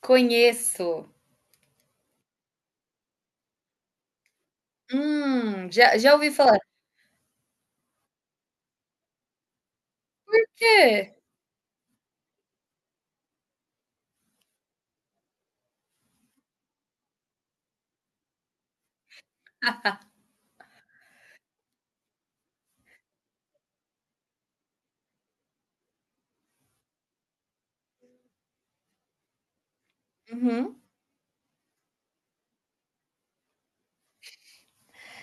Conheço. Já ouvi falar. "Quê?" Uhum,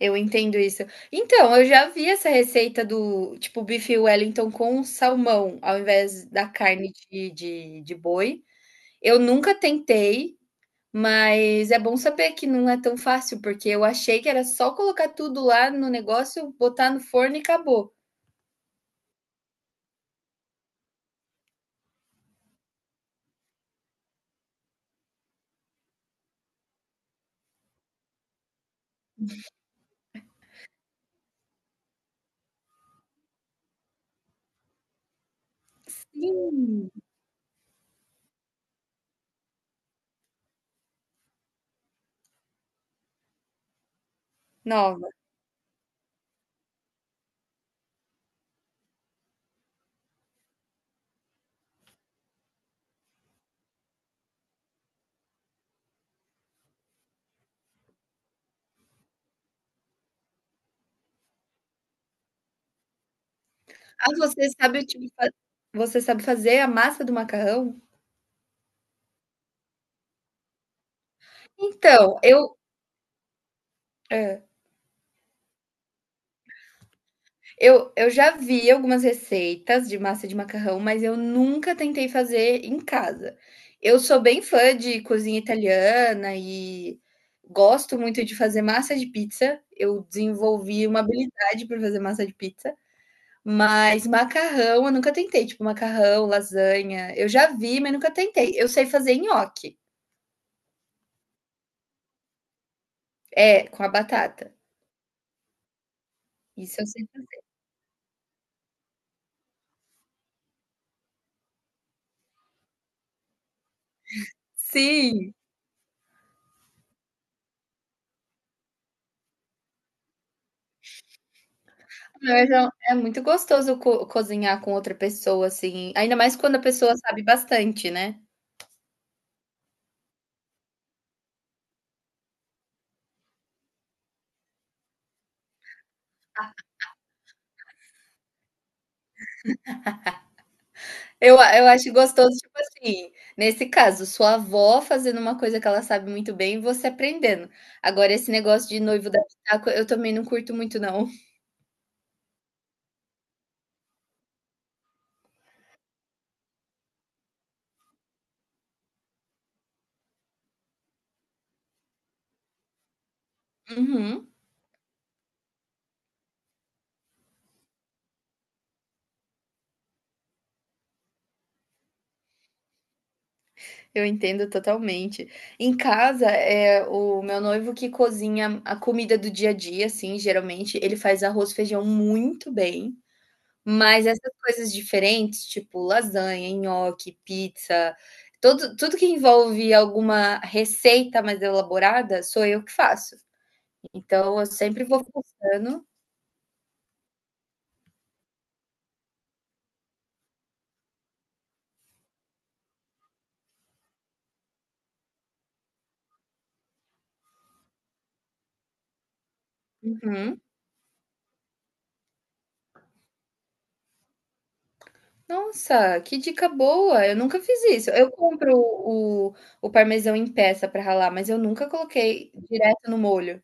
eu entendo isso. Então, eu já vi essa receita do tipo bife Wellington com salmão, ao invés da carne de boi. Eu nunca tentei, mas é bom saber que não é tão fácil, porque eu achei que era só colocar tudo lá no negócio, botar no forno e acabou. Hum, nova. Ah, você sabe, tipo, fa você sabe fazer a massa do macarrão? Então, eu é. Eu já vi algumas receitas de massa de macarrão, mas eu nunca tentei fazer em casa. Eu sou bem fã de cozinha italiana e gosto muito de fazer massa de pizza. Eu desenvolvi uma habilidade para fazer massa de pizza, mas macarrão eu nunca tentei, tipo macarrão, lasanha, eu já vi, mas nunca tentei. Eu sei fazer nhoque. É, com a batata. Isso eu sei fazer. Sim. Mas é muito gostoso co cozinhar com outra pessoa, assim, ainda mais quando a pessoa sabe bastante, né. Eu acho gostoso, tipo assim, nesse caso, sua avó fazendo uma coisa que ela sabe muito bem e você aprendendo. Agora esse negócio de noivo dar pitaco, eu também não curto muito não. Uhum, eu entendo totalmente. Em casa, é o meu noivo que cozinha a comida do dia a dia, assim, geralmente, ele faz arroz, e feijão muito bem. Mas essas coisas diferentes, tipo lasanha, nhoque, pizza, todo tudo que envolve alguma receita mais elaborada, sou eu que faço. Então eu sempre vou postando. Uhum. Nossa, que dica boa! Eu nunca fiz isso. Eu compro o parmesão em peça para ralar, mas eu nunca coloquei direto no molho.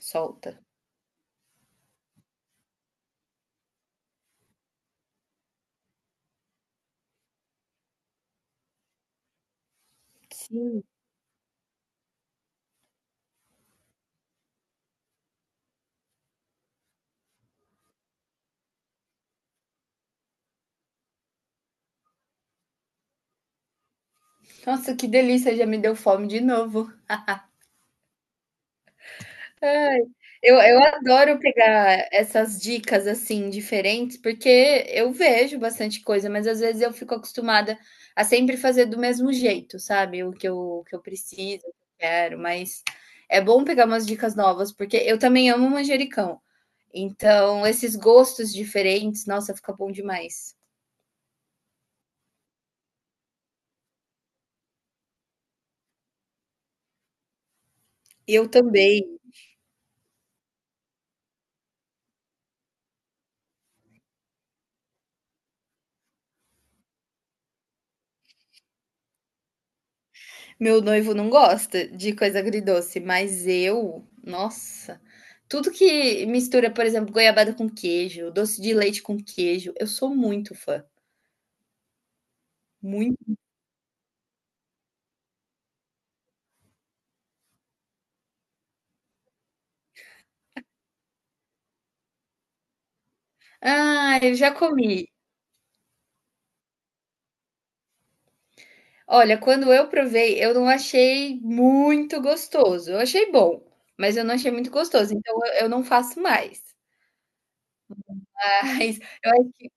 Solta. Sim. Nossa, que delícia, já me deu fome de novo. Ai, eu adoro pegar essas dicas, assim, diferentes, porque eu vejo bastante coisa, mas às vezes eu fico acostumada a sempre fazer do mesmo jeito, sabe, o que eu preciso, o que eu quero, mas é bom pegar umas dicas novas, porque eu também amo manjericão, então esses gostos diferentes, nossa, fica bom demais. Eu também. Meu noivo não gosta de coisa agridoce, mas eu, nossa, tudo que mistura, por exemplo, goiabada com queijo, doce de leite com queijo, eu sou muito fã, muito. Ah, eu já comi. Olha, quando eu provei, eu não achei muito gostoso. Eu achei bom, mas eu não achei muito gostoso, então eu não faço mais. Mas eu acho que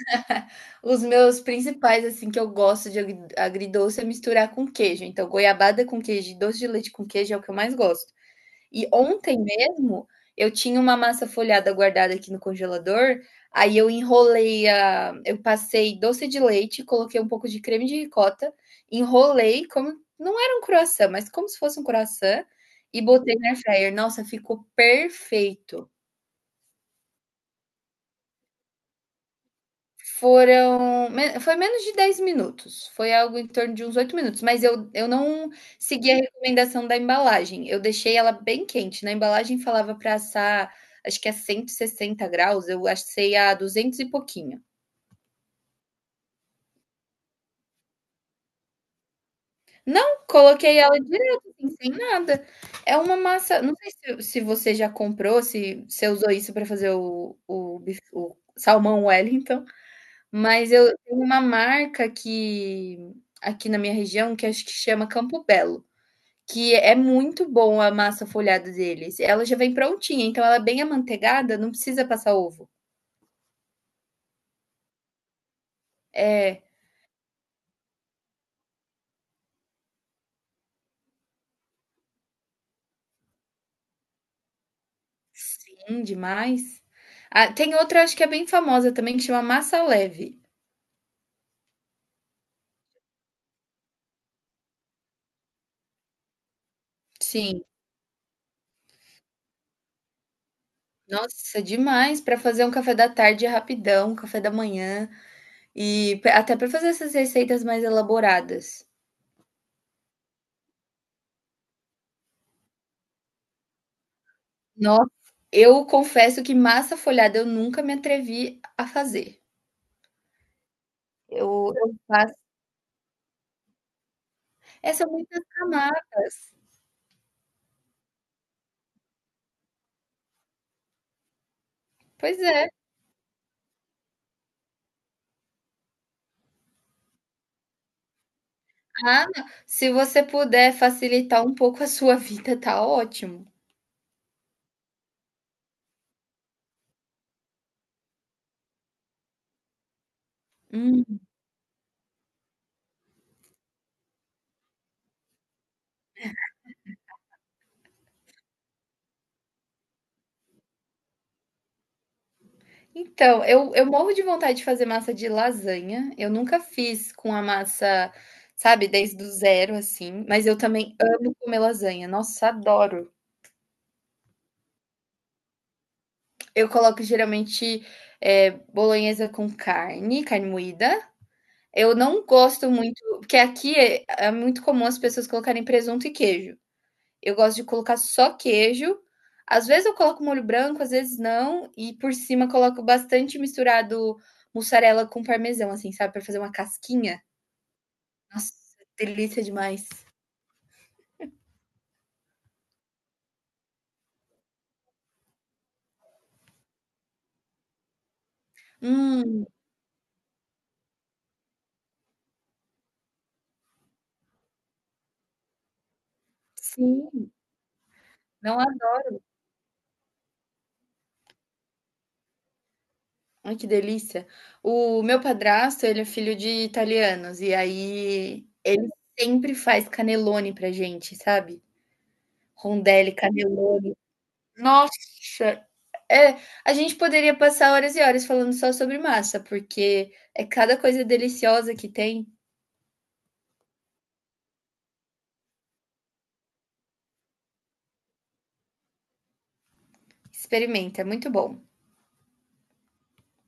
os meus principais, assim, que eu gosto de agridoce é misturar com queijo. Então, goiabada com queijo e doce de leite com queijo é o que eu mais gosto. E ontem mesmo eu tinha uma massa folhada guardada aqui no congelador, aí eu enrolei a, eu passei doce de leite, coloquei um pouco de creme de ricota, enrolei como não era um croissant, mas como se fosse um croissant e botei na air fryer. Nossa, ficou perfeito. Foram me foi menos de 10 minutos, foi algo em torno de uns 8 minutos, mas eu não segui a recomendação da embalagem, eu deixei ela bem quente, na embalagem falava para assar, acho que a 160 graus eu assei a 200 e pouquinho. Não, coloquei ela direto, assim, sem nada. É uma massa não sei se se você já comprou, se você usou isso para fazer o salmão Wellington. Mas eu tem uma marca aqui na minha região que acho que chama Campo Belo, que é muito bom a massa folhada deles. Ela já vem prontinha, então ela é bem amanteigada, não precisa passar ovo. É. Sim, demais. Ah, tem outra acho que é bem famosa também que chama Massa Leve. Sim. Nossa, demais para fazer um café da tarde rapidão, café da manhã e p até para fazer essas receitas mais elaboradas. Nossa, eu confesso que massa folhada eu nunca me atrevi a fazer. Eu faço é, são muitas camadas. Pois é. Ah, não, se você puder facilitar um pouco a sua vida, tá ótimo. Hum. Então, eu morro de vontade de fazer massa de lasanha, eu nunca fiz com a massa, sabe, desde o zero, assim, mas eu também amo comer lasanha, nossa, adoro. Eu coloco geralmente, eh, bolonhesa com carne, carne moída. Eu não gosto muito porque aqui é muito comum as pessoas colocarem presunto e queijo. Eu gosto de colocar só queijo, às vezes eu coloco molho branco, às vezes não, e por cima coloco bastante misturado mussarela com parmesão, assim, sabe, pra fazer uma casquinha. Nossa, delícia demais. Hum, sim, não é? Ai, que delícia. O meu padrasto, ele é filho de italianos, e aí ele sempre faz canelone pra gente, sabe. Rondelli, canelone. Nossa! É, a gente poderia passar horas e horas falando só sobre massa, porque é cada coisa deliciosa que tem. Experimenta, é muito bom.